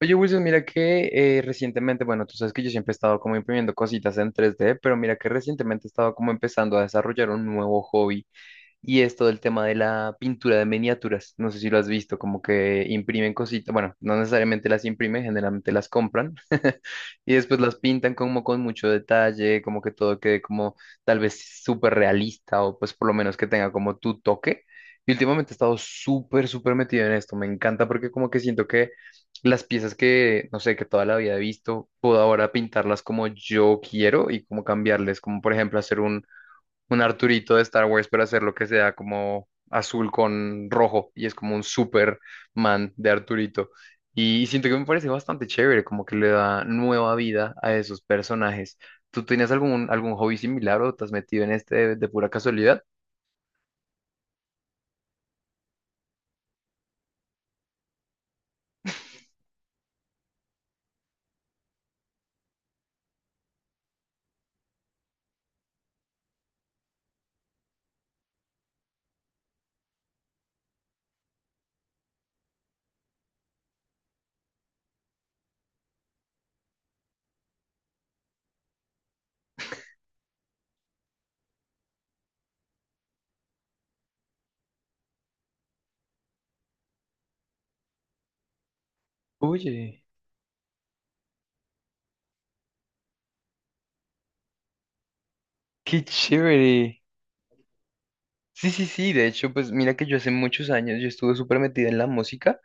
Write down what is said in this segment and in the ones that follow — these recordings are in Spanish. Oye, Wilson, mira que recientemente, bueno, tú sabes que yo siempre he estado como imprimiendo cositas en 3D, pero mira que recientemente he estado como empezando a desarrollar un nuevo hobby. Y es todo el tema de la pintura de miniaturas. No sé si lo has visto, como que imprimen cositas. Bueno, no necesariamente las imprimen, generalmente las compran. Y después las pintan como con mucho detalle, como que todo quede como tal vez súper realista o pues por lo menos que tenga como tu toque. Y últimamente he estado súper, súper metido en esto. Me encanta porque como que siento que las piezas que, no sé, que toda la vida he visto, puedo ahora pintarlas como yo quiero y como cambiarles, como por ejemplo hacer un Arturito de Star Wars, pero hacer lo que sea como azul con rojo y es como un Superman de Arturito. Y siento que me parece bastante chévere, como que le da nueva vida a esos personajes. ¿Tú tenías algún hobby similar o te has metido en este de pura casualidad? Oye, qué chévere. Sí, sí, sí, de hecho, pues mira que yo hace muchos años yo estuve súper metida en la música.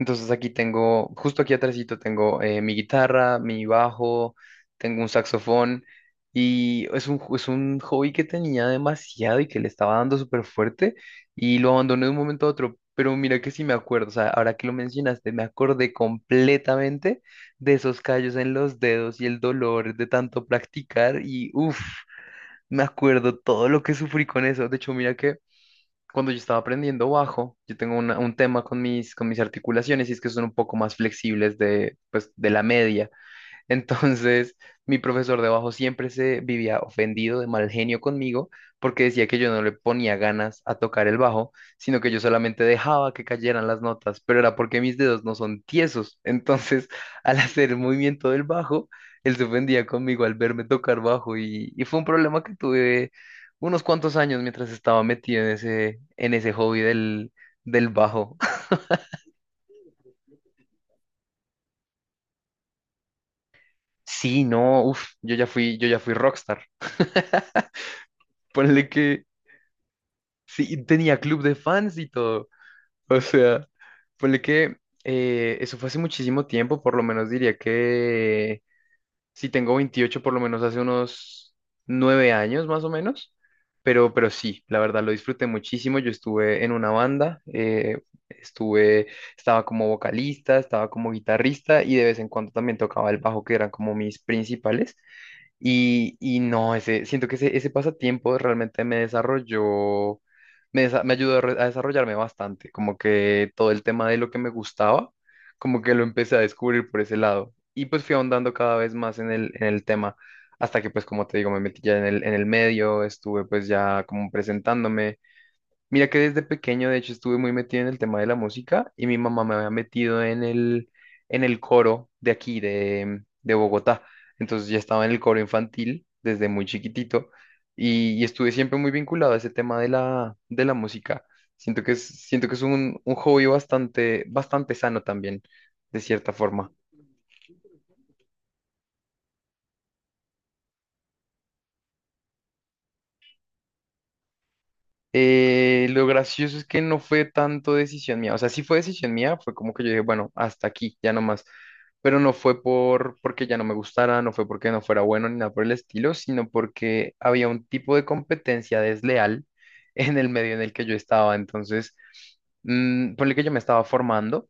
Entonces aquí tengo, justo aquí atrásito tengo mi guitarra, mi bajo, tengo un saxofón y es un hobby que tenía demasiado y que le estaba dando súper fuerte y lo abandoné de un momento a otro. Pero mira que sí me acuerdo, o sea, ahora que lo mencionaste, me acordé completamente de esos callos en los dedos y el dolor de tanto practicar y uff, me acuerdo todo lo que sufrí con eso. De hecho, mira que cuando yo estaba aprendiendo bajo, yo tengo un tema con mis articulaciones y es que son un poco más flexibles de, pues, de la media. Entonces, mi profesor de bajo siempre se vivía ofendido de mal genio conmigo porque decía que yo no le ponía ganas a tocar el bajo, sino que yo solamente dejaba que cayeran las notas, pero era porque mis dedos no son tiesos. Entonces, al hacer el movimiento del bajo, él se ofendía conmigo al verme tocar bajo y fue un problema que tuve unos cuantos años mientras estaba metido en ese hobby del bajo. Sí, no, uff, yo ya fui rockstar. Ponle que Sí, y tenía club de fans y todo. O sea, ponle que eso fue hace muchísimo tiempo, por lo menos diría que si tengo 28 por lo menos hace unos 9 años más o menos. Pero sí, la verdad lo disfruté muchísimo. Yo estuve en una banda, estuve, estaba como vocalista, estaba como guitarrista y de vez en cuando también tocaba el bajo, que eran como mis principales. Y no, siento que ese pasatiempo realmente me desarrolló, me ayudó a desarrollarme bastante, como que todo el tema de lo que me gustaba, como que lo empecé a descubrir por ese lado. Y pues fui ahondando cada vez más en el tema, hasta que pues como te digo, me metí ya en el medio, estuve pues ya como presentándome. Mira que desde pequeño, de hecho, estuve muy metido en el tema de la música y mi mamá me había metido en el coro de aquí, de Bogotá. Entonces ya estaba en el coro infantil desde muy chiquitito y estuve siempre muy vinculado a ese tema de la música. Siento que es un hobby bastante, bastante sano también, de cierta forma. Lo gracioso es que no fue tanto decisión mía, o sea, sí fue decisión mía, fue como que yo dije, bueno, hasta aquí, ya no más, pero no fue por porque ya no me gustara, no fue porque no fuera bueno ni nada por el estilo, sino porque había un tipo de competencia desleal en el medio en el que yo estaba, entonces, ponle que yo me estaba formando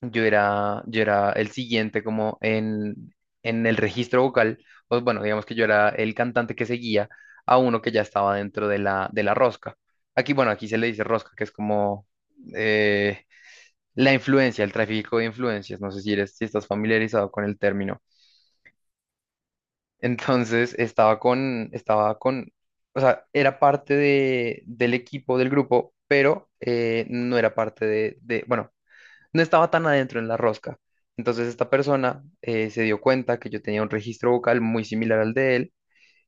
yo era el siguiente como en el registro vocal, pues bueno, digamos que yo era el cantante que seguía a uno que ya estaba dentro de la rosca. Aquí, bueno, aquí se le dice rosca, que es como eh, la influencia, el tráfico de influencias, no sé si eres, si estás familiarizado con el término. Entonces, o sea, era parte del equipo, del grupo, pero no era parte bueno, no estaba tan adentro en la rosca. Entonces esta persona se dio cuenta que yo tenía un registro vocal muy similar al de él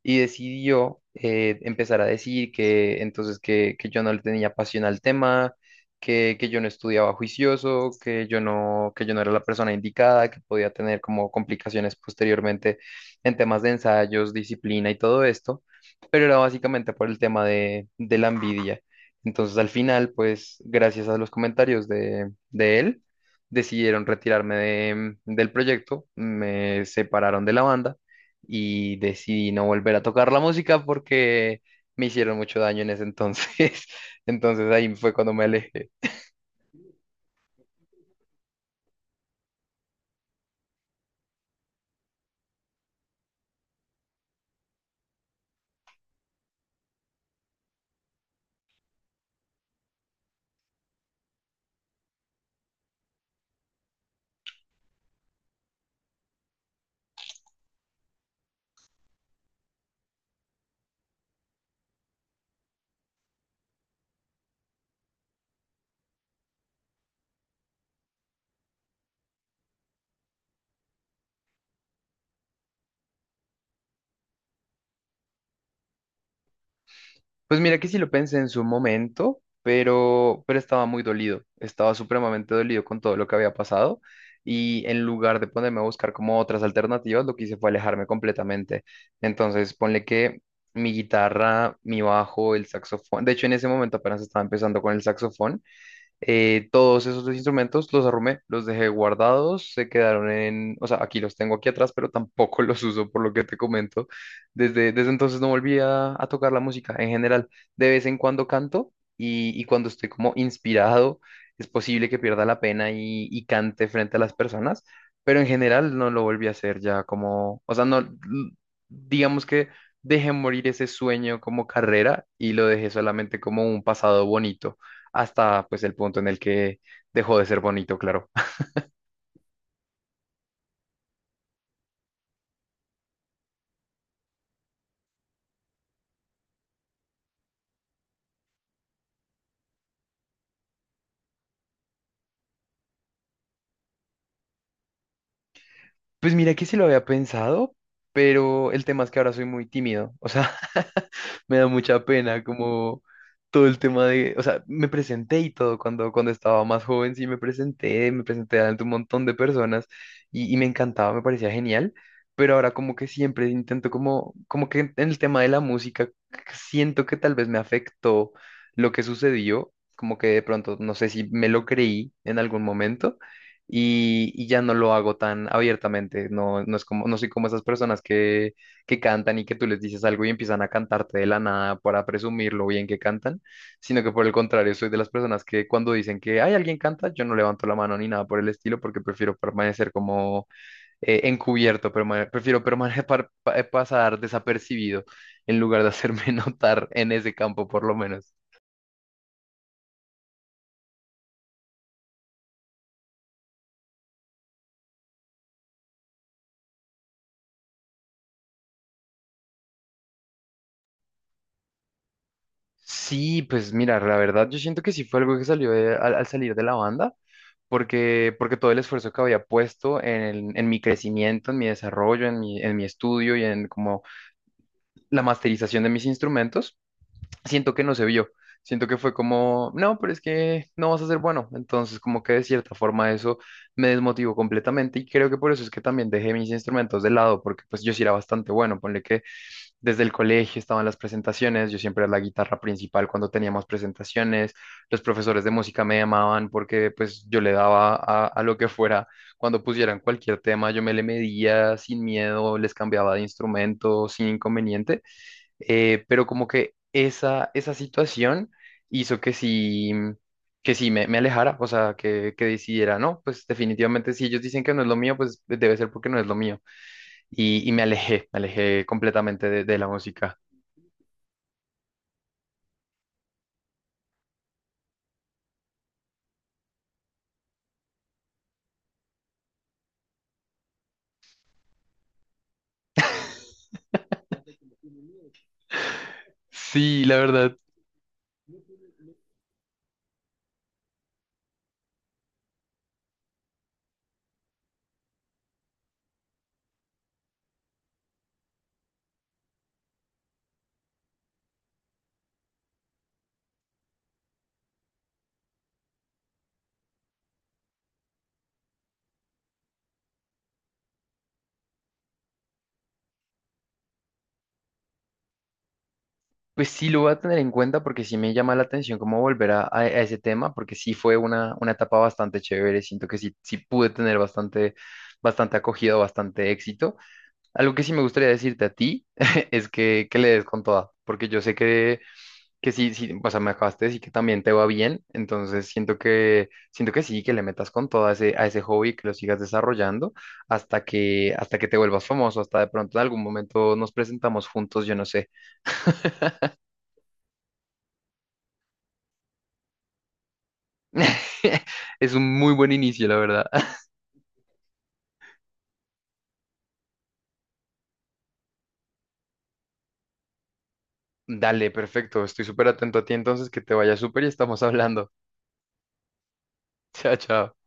y decidió empezar a decir que entonces que yo no le tenía pasión al tema, que yo no estudiaba juicioso, que yo no era la persona indicada, que podía tener como complicaciones posteriormente en temas de ensayos, disciplina y todo esto, pero era básicamente por el tema de la envidia. Entonces al final, pues gracias a los comentarios de él, decidieron retirarme del proyecto, me separaron de la banda y decidí no volver a tocar la música porque me hicieron mucho daño en ese entonces. Entonces ahí fue cuando me alejé. Pues mira que sí lo pensé en su momento, pero estaba muy dolido, estaba supremamente dolido con todo lo que había pasado. Y en lugar de ponerme a buscar como otras alternativas, lo que hice fue alejarme completamente. Entonces, ponle que mi guitarra, mi bajo, el saxofón, de hecho en ese momento apenas estaba empezando con el saxofón. Todos esos dos instrumentos los arrumé, los dejé guardados, se quedaron o sea, aquí los tengo aquí atrás, pero tampoco los uso por lo que te comento. Desde entonces no volví a tocar la música en general. De vez en cuando canto y cuando estoy como inspirado, es posible que pierda la pena y cante frente a las personas, pero en general no lo volví a hacer ya como, o sea, no, digamos que dejé morir ese sueño como carrera y lo dejé solamente como un pasado bonito hasta pues el punto en el que dejó de ser bonito, claro. Pues mira que sí lo había pensado, pero el tema es que ahora soy muy tímido, o sea, me da mucha pena como todo el tema o sea, me presenté y todo cuando, cuando estaba más joven, sí me presenté ante un montón de personas y me encantaba, me parecía genial, pero ahora como que siempre intento como que en el tema de la música siento que tal vez me afectó lo que sucedió, como que de pronto no sé si me lo creí en algún momento y ya no lo hago tan abiertamente. No, no no soy como esas personas que cantan y que tú les dices algo y empiezan a cantarte de la nada para presumir lo bien que cantan, sino que por el contrario, soy de las personas que cuando dicen que hay alguien canta, yo no levanto la mano ni nada por el estilo porque prefiero permanecer como encubierto, prefiero permanecer, pasar desapercibido en lugar de hacerme notar en ese campo por lo menos. Sí, pues mira, la verdad yo siento que sí fue algo que salió al salir de la banda. Porque todo el esfuerzo que había puesto en mi crecimiento, en mi desarrollo, en mi estudio y en como la masterización de mis instrumentos, siento que no se vio. Siento que fue como, no, pero es que no vas a ser bueno. Entonces, como que de cierta forma eso me desmotivó completamente y creo que por eso es que también dejé mis instrumentos de lado, porque pues yo sí era bastante bueno. Ponle que desde el colegio estaban las presentaciones, yo siempre era la guitarra principal cuando teníamos presentaciones, los profesores de música me llamaban porque pues yo le daba a lo que fuera, cuando pusieran cualquier tema yo me le medía sin miedo, les cambiaba de instrumento sin inconveniente, pero como que esa situación hizo que sí, que sí me alejara, o sea, que decidiera, no, pues definitivamente si ellos dicen que no es lo mío, pues debe ser porque no es lo mío y me alejé completamente de la música. Sí, la verdad, pues sí lo voy a tener en cuenta porque sí me llama la atención cómo volver a ese tema, porque sí fue una etapa bastante chévere, siento que sí, sí pude tener bastante, bastante acogida, bastante éxito. Algo que sí me gustaría decirte a ti es que le des con toda, porque yo sé que sí, sí, o sea, me acabaste de decir que también te va bien, entonces siento que sí, que le metas con todo a ese hobby, que lo sigas desarrollando hasta que te vuelvas famoso, hasta de pronto en algún momento nos presentamos juntos, yo no sé. Es un muy buen inicio, la verdad. Dale, perfecto, estoy súper atento a ti entonces, que te vaya súper y estamos hablando. Chao, chao.